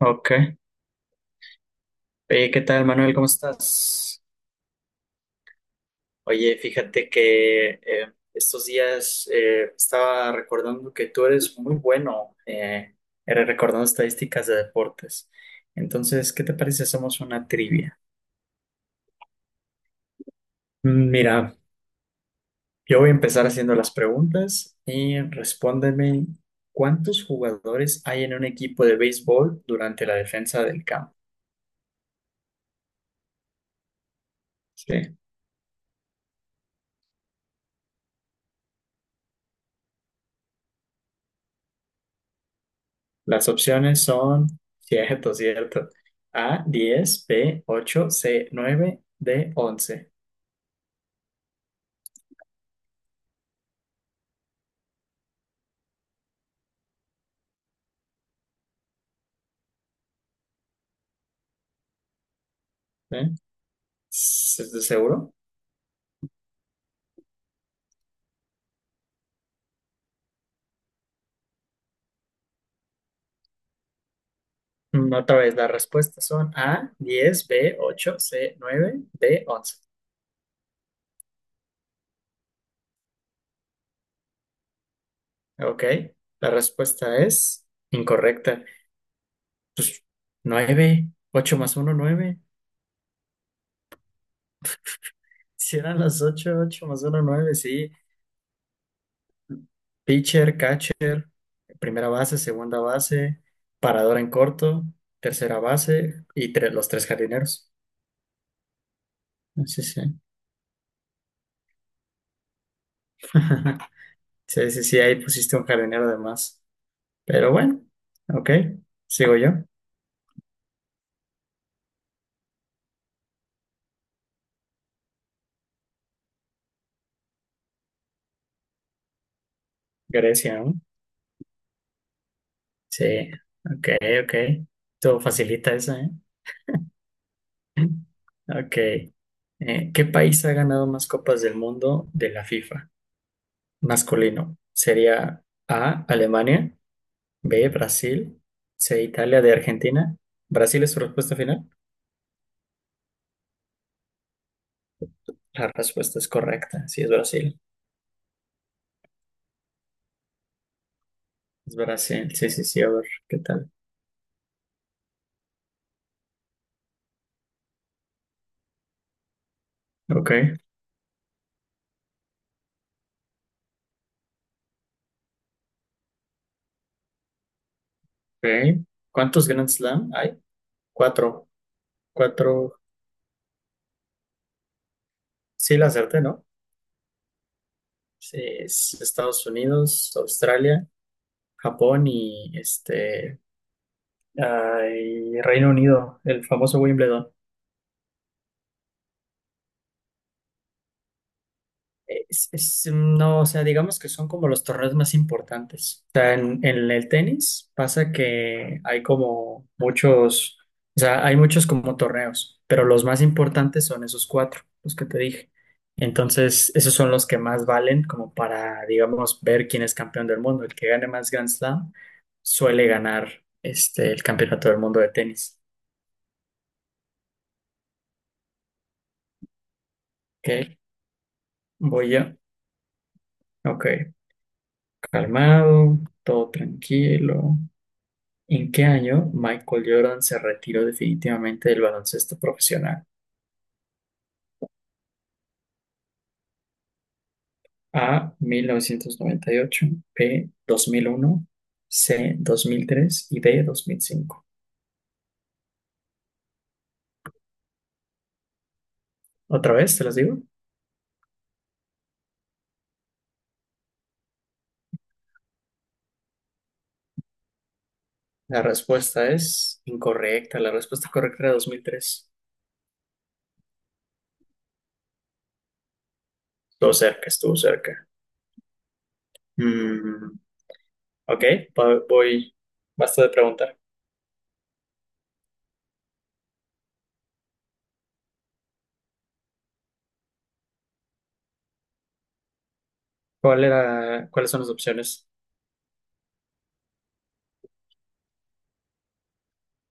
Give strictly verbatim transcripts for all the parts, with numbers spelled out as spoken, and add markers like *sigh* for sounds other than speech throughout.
Ok. Oye, ¿qué tal, Manuel? ¿Cómo estás? Oye, fíjate que eh, estos días eh, estaba recordando que tú eres muy bueno eh, eres recordando estadísticas de deportes. Entonces, ¿qué te parece si hacemos una trivia? Mm, Mira, yo voy a empezar haciendo las preguntas y respóndeme, ¿cuántos jugadores hay en un equipo de béisbol durante la defensa del campo? Sí. Las opciones son, cierto, cierto. A, diez, B, ocho, C, nueve, D, once. ¿Eh? ¿Se- se- seguro? Mm, Otra vez, las respuestas son A, diez, B, ocho, C, nueve, D, once. Ok, la respuesta es incorrecta. Pues nueve, ocho más uno nueve. Si eran las ocho, ocho más uno nueve sí. Pitcher, catcher, primera base, segunda base, paradora en corto, tercera base y tre- los tres jardineros. Sí, sí. *laughs* Sí, sí, sí, ahí pusiste un jardinero de más. Pero bueno, ok, sigo yo. Grecia, ¿no? Sí, ok, ok. Todo facilita esa, ¿eh? *clears throat* *laughs* Ok. Eh, ¿qué país ha ganado más copas del mundo de la FIFA? Masculino. ¿Sería A, Alemania? B, Brasil. C, Italia, de Argentina. ¿Brasil es su respuesta final? La respuesta es correcta. Sí, es Brasil. Es Brasil. Sí, sí, sí. A ver, ¿qué tal? Ok, ok. ¿Cuántos Grand Slam hay? Cuatro. Cuatro. Sí, la acerté, ¿no? Sí, es Estados Unidos, Australia, Japón y este, ah, y Reino Unido, el famoso Wimbledon. Es- es, no, o sea, digamos que son como los torneos más importantes. O sea, en, en el tenis pasa que hay como muchos, o sea, hay muchos como torneos, pero los más importantes son esos cuatro, los que te dije. Entonces, esos son los que más valen como para, digamos, ver quién es campeón del mundo. El que gane más Grand Slam suele ganar este, el campeonato del mundo de tenis. ¿Ok? Voy yo. Ok, calmado, todo tranquilo. ¿En qué año Michael Jordan se retiró definitivamente del baloncesto profesional? A, mil novecientos noventa y ocho, B, dos mil uno, C, dos mil tres y D, dos mil cinco. ¿Otra vez te las digo? La respuesta es incorrecta. La respuesta correcta era dos mil tres. Estuvo cerca, estuvo cerca. Mm, ok, va- voy. Basta de preguntar. ¿Cuál era, cuáles son las opciones?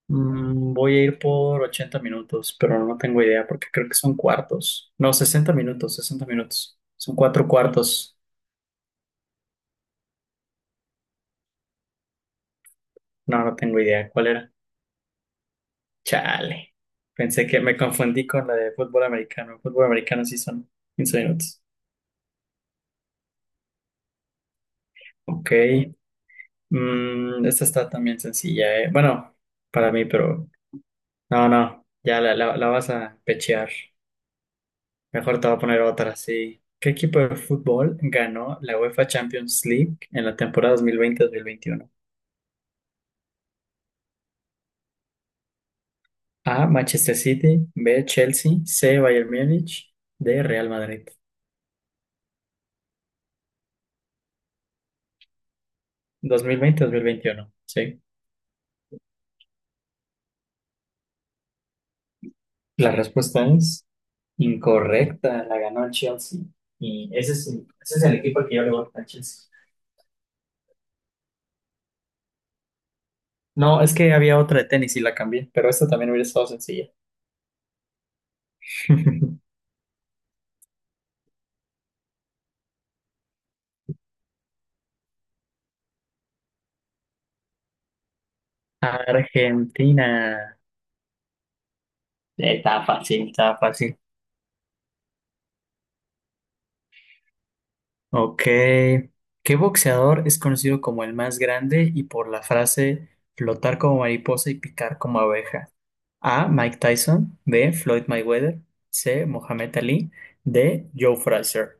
Mm, voy a ir por ochenta minutos, pero no tengo idea porque creo que son cuartos. No, sesenta minutos, sesenta minutos. Son cuatro cuartos. No, no tengo idea. ¿Cuál era? Chale. Pensé que me confundí con la de fútbol americano. Fútbol americano sí son quince minutos. Ok. Mm, esta está también sencilla, eh. Bueno, para mí, pero no, no. Ya la, la, la vas a pechear. Mejor te voy a poner otra, sí. ¿Qué equipo de fútbol ganó la UEFA Champions League en la temporada dos mil veinte-dos mil veintiuno? A, Manchester City, B, Chelsea, C, Bayern Múnich, D, Real Madrid. dos mil veinte-dos mil veintiuno, sí. La respuesta es incorrecta, la ganó el Chelsea. Y ese es, ese es el equipo al que yo le voy, a Chelsea. No, es que había otra de tenis y la cambié, pero esta también hubiera estado sencilla. *laughs* Argentina. Eh, Estaba fácil, estaba fácil. Ok. ¿Qué boxeador es conocido como el más grande y por la frase flotar como mariposa y picar como abeja? A, Mike Tyson. B, Floyd Mayweather. C, Mohamed Ali. D, Joe Frazier.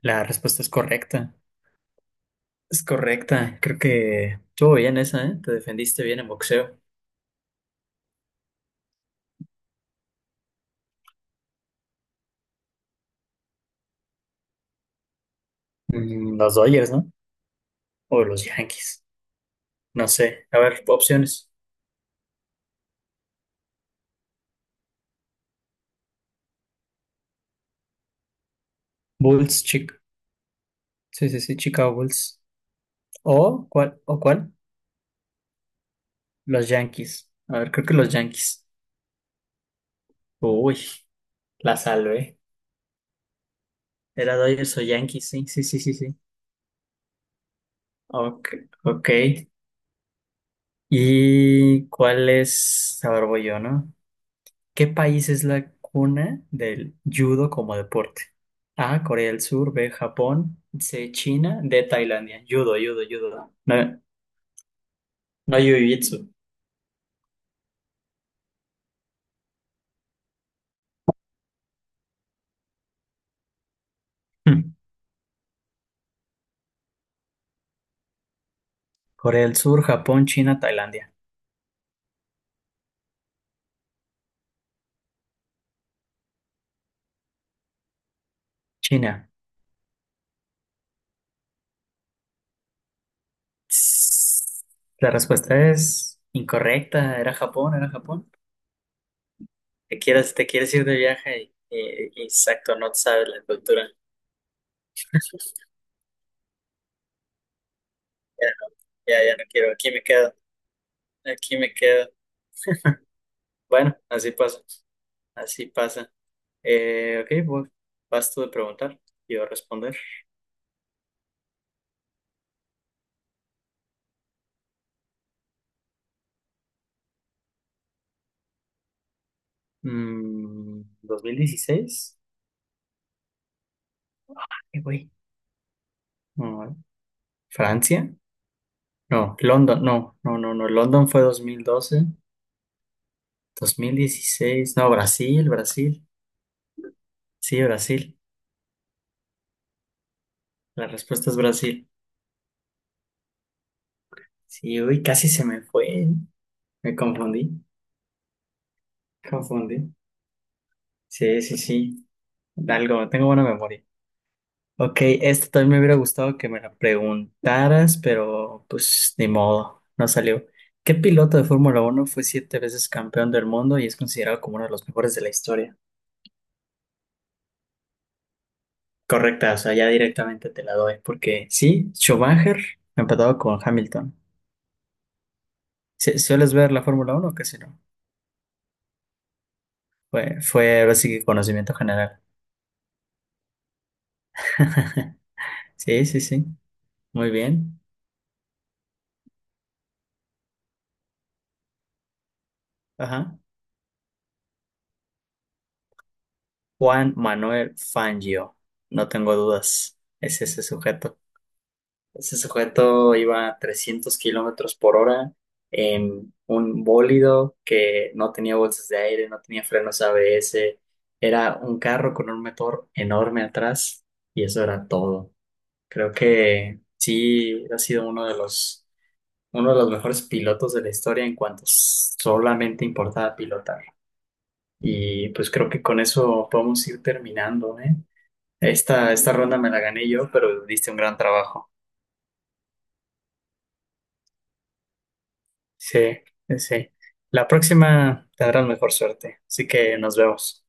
La respuesta es correcta. Es correcta. Creo que estuvo bien esa, ¿eh? Te defendiste bien en boxeo. Mm, Los Dodgers, ¿no? O los Yankees. No sé. A ver, opciones. Bulls, chic. Sí, sí, sí, Chicago Bulls. ¿O cuál? ¿O cuál? Los Yankees. A ver, creo que los Yankees. Uy, la salvé. Era Dodgers o Yankees, sí, sí, sí, sí, sí. Ok, ok. ¿Y cuál es? A ver, voy yo, ¿no? ¿Qué país es la cuna del judo como deporte? A, Corea del Sur, B, Japón, C, China, D, Tailandia. Judo, judo, judo. No, no, jiu-jitsu. Hmm. Corea del Sur, Japón, China, Tailandia. China. Tss. La respuesta es incorrecta. Era Japón, era Japón. Te quieres, te quieres ir de viaje y, y- y exacto, no sabes la cultura. Ya, no- ya, ya no quiero, aquí me quedo, aquí me quedo. Bueno, así pasa, así pasa. Eh, ok, pues vas tú de preguntar, yo a responder. Mm, dos mil dieciséis, ¿qué güey? No, Francia, no, London, no, no, no, no, London fue dos dos mil doce, dos mil dieciséis no, Brasil, Brasil, sí, Brasil, la respuesta es Brasil. Sí, uy, casi se me fue, me confundí. Confundí. Sí, sí, sí. Algo, tengo buena memoria. Ok, este también me hubiera gustado que me la preguntaras, pero pues ni modo, no salió. ¿Qué piloto de Fórmula Uno fue siete veces campeón del mundo y es considerado como uno de los mejores de la historia? Correcta, o sea, ya directamente te la doy, porque sí, Schumacher empatado con Hamilton. Sí, ¿sueles ver la Fórmula Uno o casi no? Fue, fue ahora sí que conocimiento general. *laughs* Sí, sí, sí. Muy bien. Ajá. Juan Manuel Fangio, no tengo dudas, es ese sujeto. Ese sujeto iba a trescientos kilómetros por hora en un bólido que no tenía bolsas de aire, no tenía frenos A B S, era un carro con un motor enorme atrás y eso era todo. Creo que sí ha sido uno de los, uno de los mejores pilotos de la historia en cuanto solamente importaba pilotar. Y pues creo que con eso podemos ir terminando, ¿eh? Esta, esta ronda me la gané yo, pero diste un gran trabajo. Sí, sí, sí. La próxima tendrás mejor suerte. Así que nos vemos.